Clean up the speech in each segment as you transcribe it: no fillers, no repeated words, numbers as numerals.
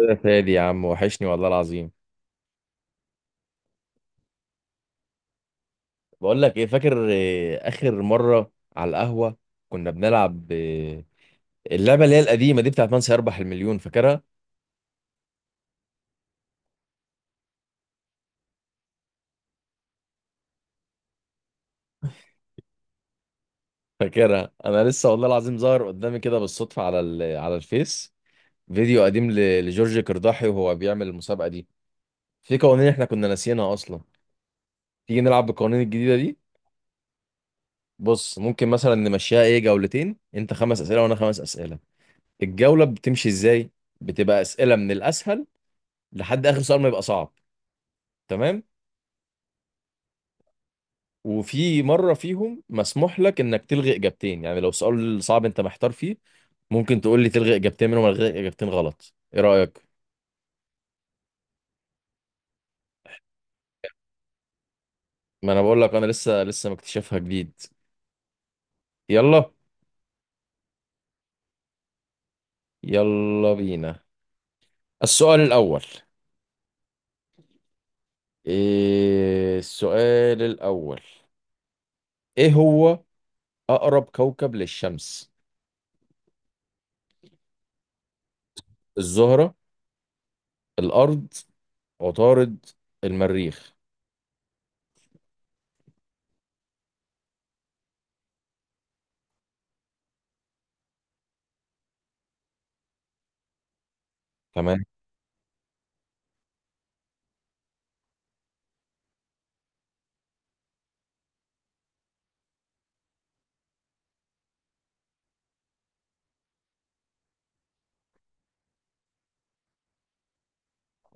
يا فادي يا عم، وحشني والله العظيم. بقول لك ايه، فاكر إيه اخر مره على القهوه كنا بنلعب إيه؟ اللعبه اللي هي القديمه دي بتاعت من سيربح المليون، فاكرها؟ فاكرها، انا لسه والله العظيم ظاهر قدامي كده بالصدفه على الفيس فيديو قديم لجورج قرداحي وهو بيعمل المسابقه دي. في قوانين احنا كنا ناسيينها اصلا، تيجي نلعب بالقوانين الجديده دي؟ بص، ممكن مثلا نمشيها ايه، جولتين، انت خمس اسئله وانا خمس اسئله. الجوله بتمشي ازاي؟ بتبقى اسئله من الاسهل لحد اخر سؤال ما يبقى صعب. تمام. وفي مره فيهم مسموح لك انك تلغي اجابتين، يعني لو سؤال صعب انت محتار فيه، ممكن تقول لي تلغي اجابتين منهم، الغي اجابتين غلط. ايه رايك؟ ما انا بقول لك انا لسه لسه مكتشفها جديد. يلا. يلا بينا. السؤال الاول. إيه السؤال الاول؟ ايه هو؟ اقرب كوكب للشمس: الزهره، الارض، عطارد، المريخ؟ تمام.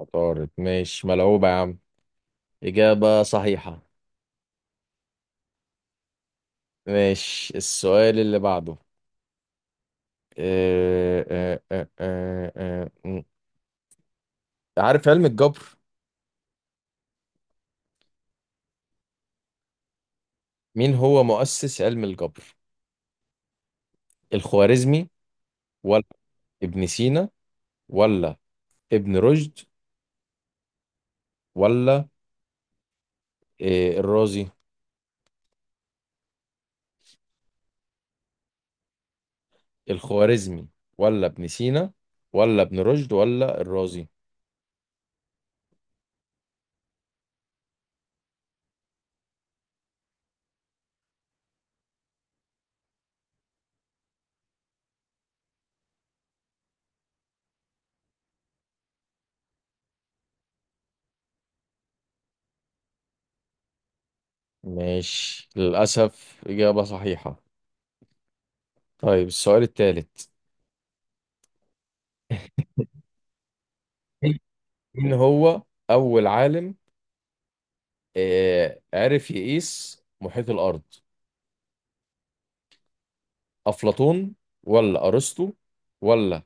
عطارد. ماشي، ملعوبه يا عم، اجابه صحيحه. ماشي، السؤال اللي بعده. آه، آه، آه، آه، آه، م. عارف علم الجبر؟ مين هو مؤسس علم الجبر؟ الخوارزمي، ولا ابن سينا، ولا ابن رشد، ولا الرازي؟ الخوارزمي ولا ابن سينا ولا ابن رشد ولا الرازي. ماشي، للأسف إجابة صحيحة. طيب، السؤال الثالث. مين هو أول عالم عرف يقيس محيط الأرض؟ افلاطون، ولا ارسطو، ولا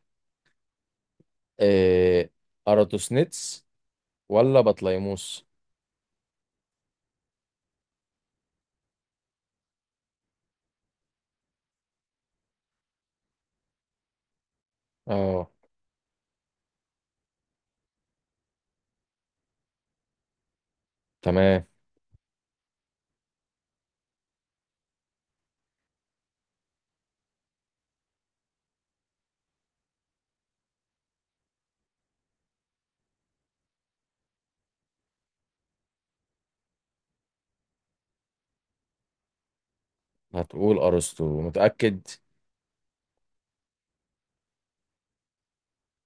آه اراتوسنيتس، ولا بطليموس؟ اه، تمام. هتقول ارسطو، متأكد؟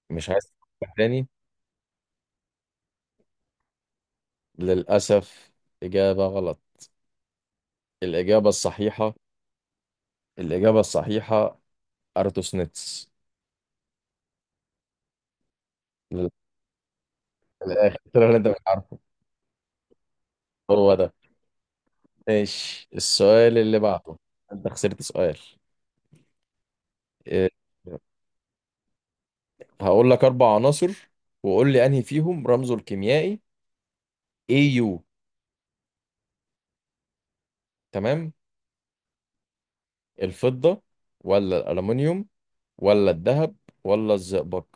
مش عايز تفكر تاني؟ للاسف، اجابة غلط. الاجابة الصحيحة، الاجابة الصحيحة اراتوسنيتس. لل- للاخر طلع اللي انت مش عارفه. هو ده. ماشي، السؤال اللي بعده. انت خسرت سؤال. آه، هقول لك اربع عناصر، وقول لي انهي فيهم رمزه الكيميائي AU. تمام. الفضة، ولا الألمنيوم، ولا الذهب، ولا الزئبق؟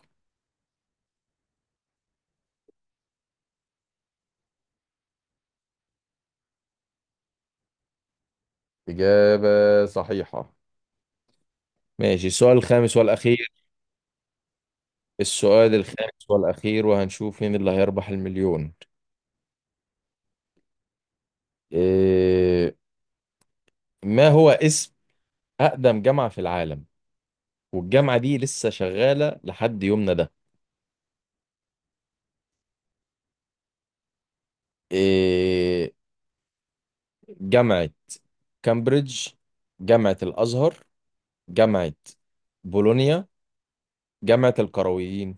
إجابة صحيحة. ماشي، السؤال الخامس والأخير. السؤال الخامس والأخير، وهنشوف مين اللي هيربح المليون. إيه؟ ما هو اسم أقدم جامعة في العالم والجامعة دي لسه شغالة لحد يومنا ده؟ إيه؟ جامعة كامبريدج، جامعة الأزهر، جامعة بولونيا، جامعة القرويين.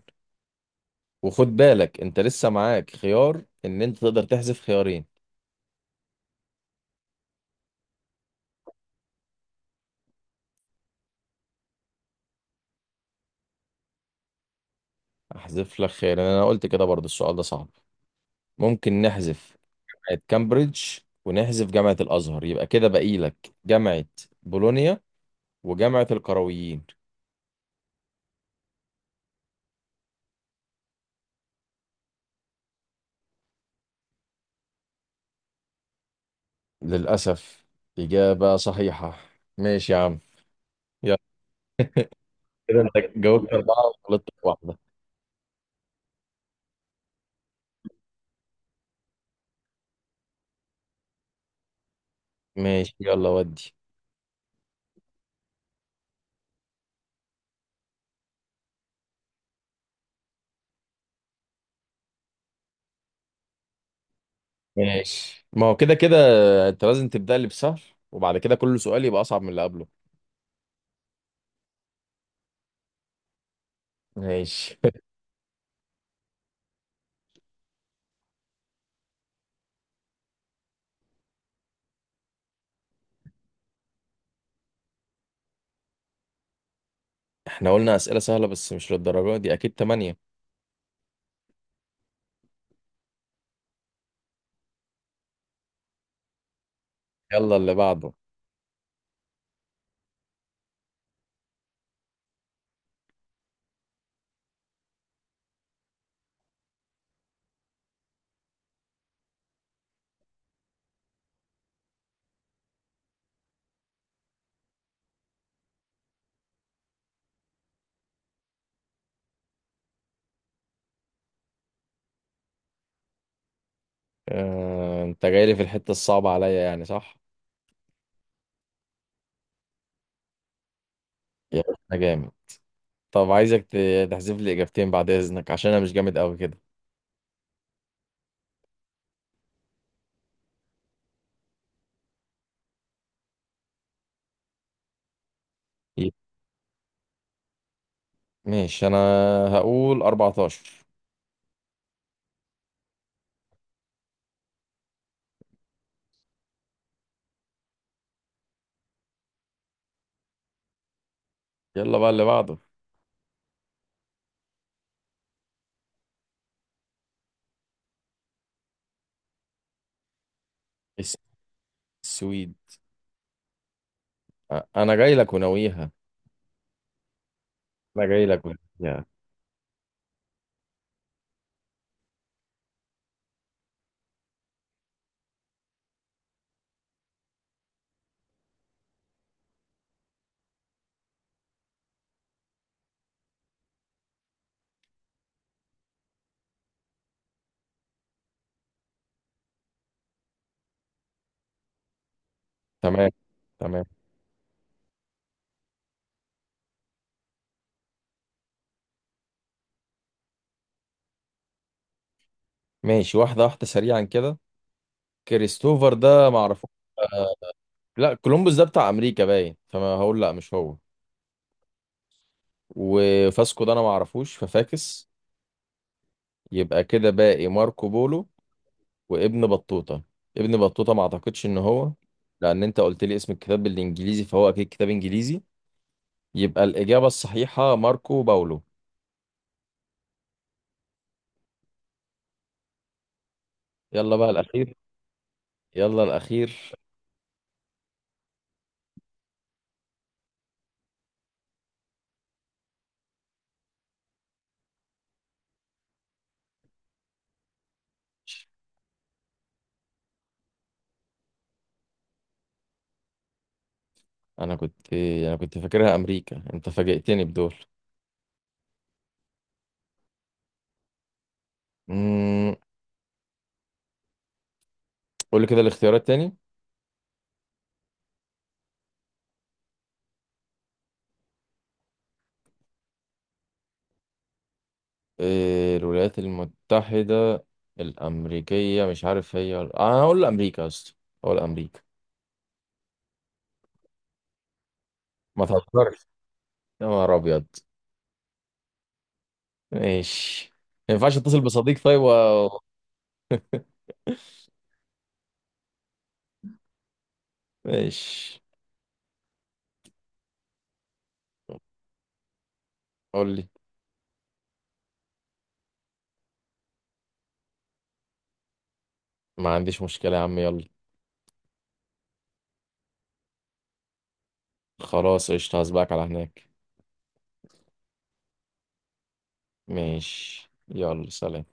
وخد بالك، انت لسه معاك خيار ان انت تقدر تحذف خيارين. احذف لك خيارين. انا قلت كده، برضو السؤال ده صعب. ممكن نحذف جامعة كامبريدج ونحذف جامعة الازهر. يبقى كده باقي لك جامعة بولونيا وجامعة القرويين. للاسف، اجابة صحيحة. ماشي يا عم، يلا. كده انت جاوبت اربعة وغلطت في واحدة. ماشي، يلا ودي. ماشي، ما هو كده كده انت لازم تبدأ لي بسهل، وبعد كده كل سؤال يبقى اصعب من اللي قبله. ماشي. احنا قلنا أسئلة سهلة، بس مش للدرجة دي، أكيد تمانية. يلا اللي بعده. اه... أنت جاي لي في الحتة الصعبة عليا، يعني صح؟ يا باشا؟ أنا جامد. طب عايزك تحذف لي إجابتين بعد إذنك، عشان أنا مش جامد أوي كده. ي- ماشي، أنا هقول 14. يلا بقى اللي بعده. الس- السويد. أنا جاي لك وناويها. أنا جاي لك وناويها. تمام، تمام. ماشي، واحدة واحدة سريعا كده. كريستوفر ده معرفوش. آه، لا، كولومبوس ده بتاع أمريكا باين، فما هقول لا مش هو. وفاسكو ده انا ما اعرفوش ففاكس. يبقى كده باقي ماركو بولو وابن بطوطة. ابن بطوطة ما اعتقدش ان هو، لان انت قلت لي اسم الكتاب بالانجليزي فهو اكيد كتاب انجليزي. يبقى الاجابة الصحيحة ماركو باولو. يلا بقى الاخير. يلا الاخير. انا كنت فاكرها امريكا، انت فاجئتني بدول. امم قول لي كده الاختيارات تاني. إيه؟ الولايات المتحدة الامريكية، مش عارف، هي انا هقول امريكا يا اسطى. هقول امريكا. ما تهزرش، يا نهار ابيض. ماشي. ما ينفعش اتصل بصديق طيب و... ماشي، قول لي. ما عنديش مشكلة يا عم، يلا. خلاص قشطة، هسبقك على هناك. ماشي يلا، سلام.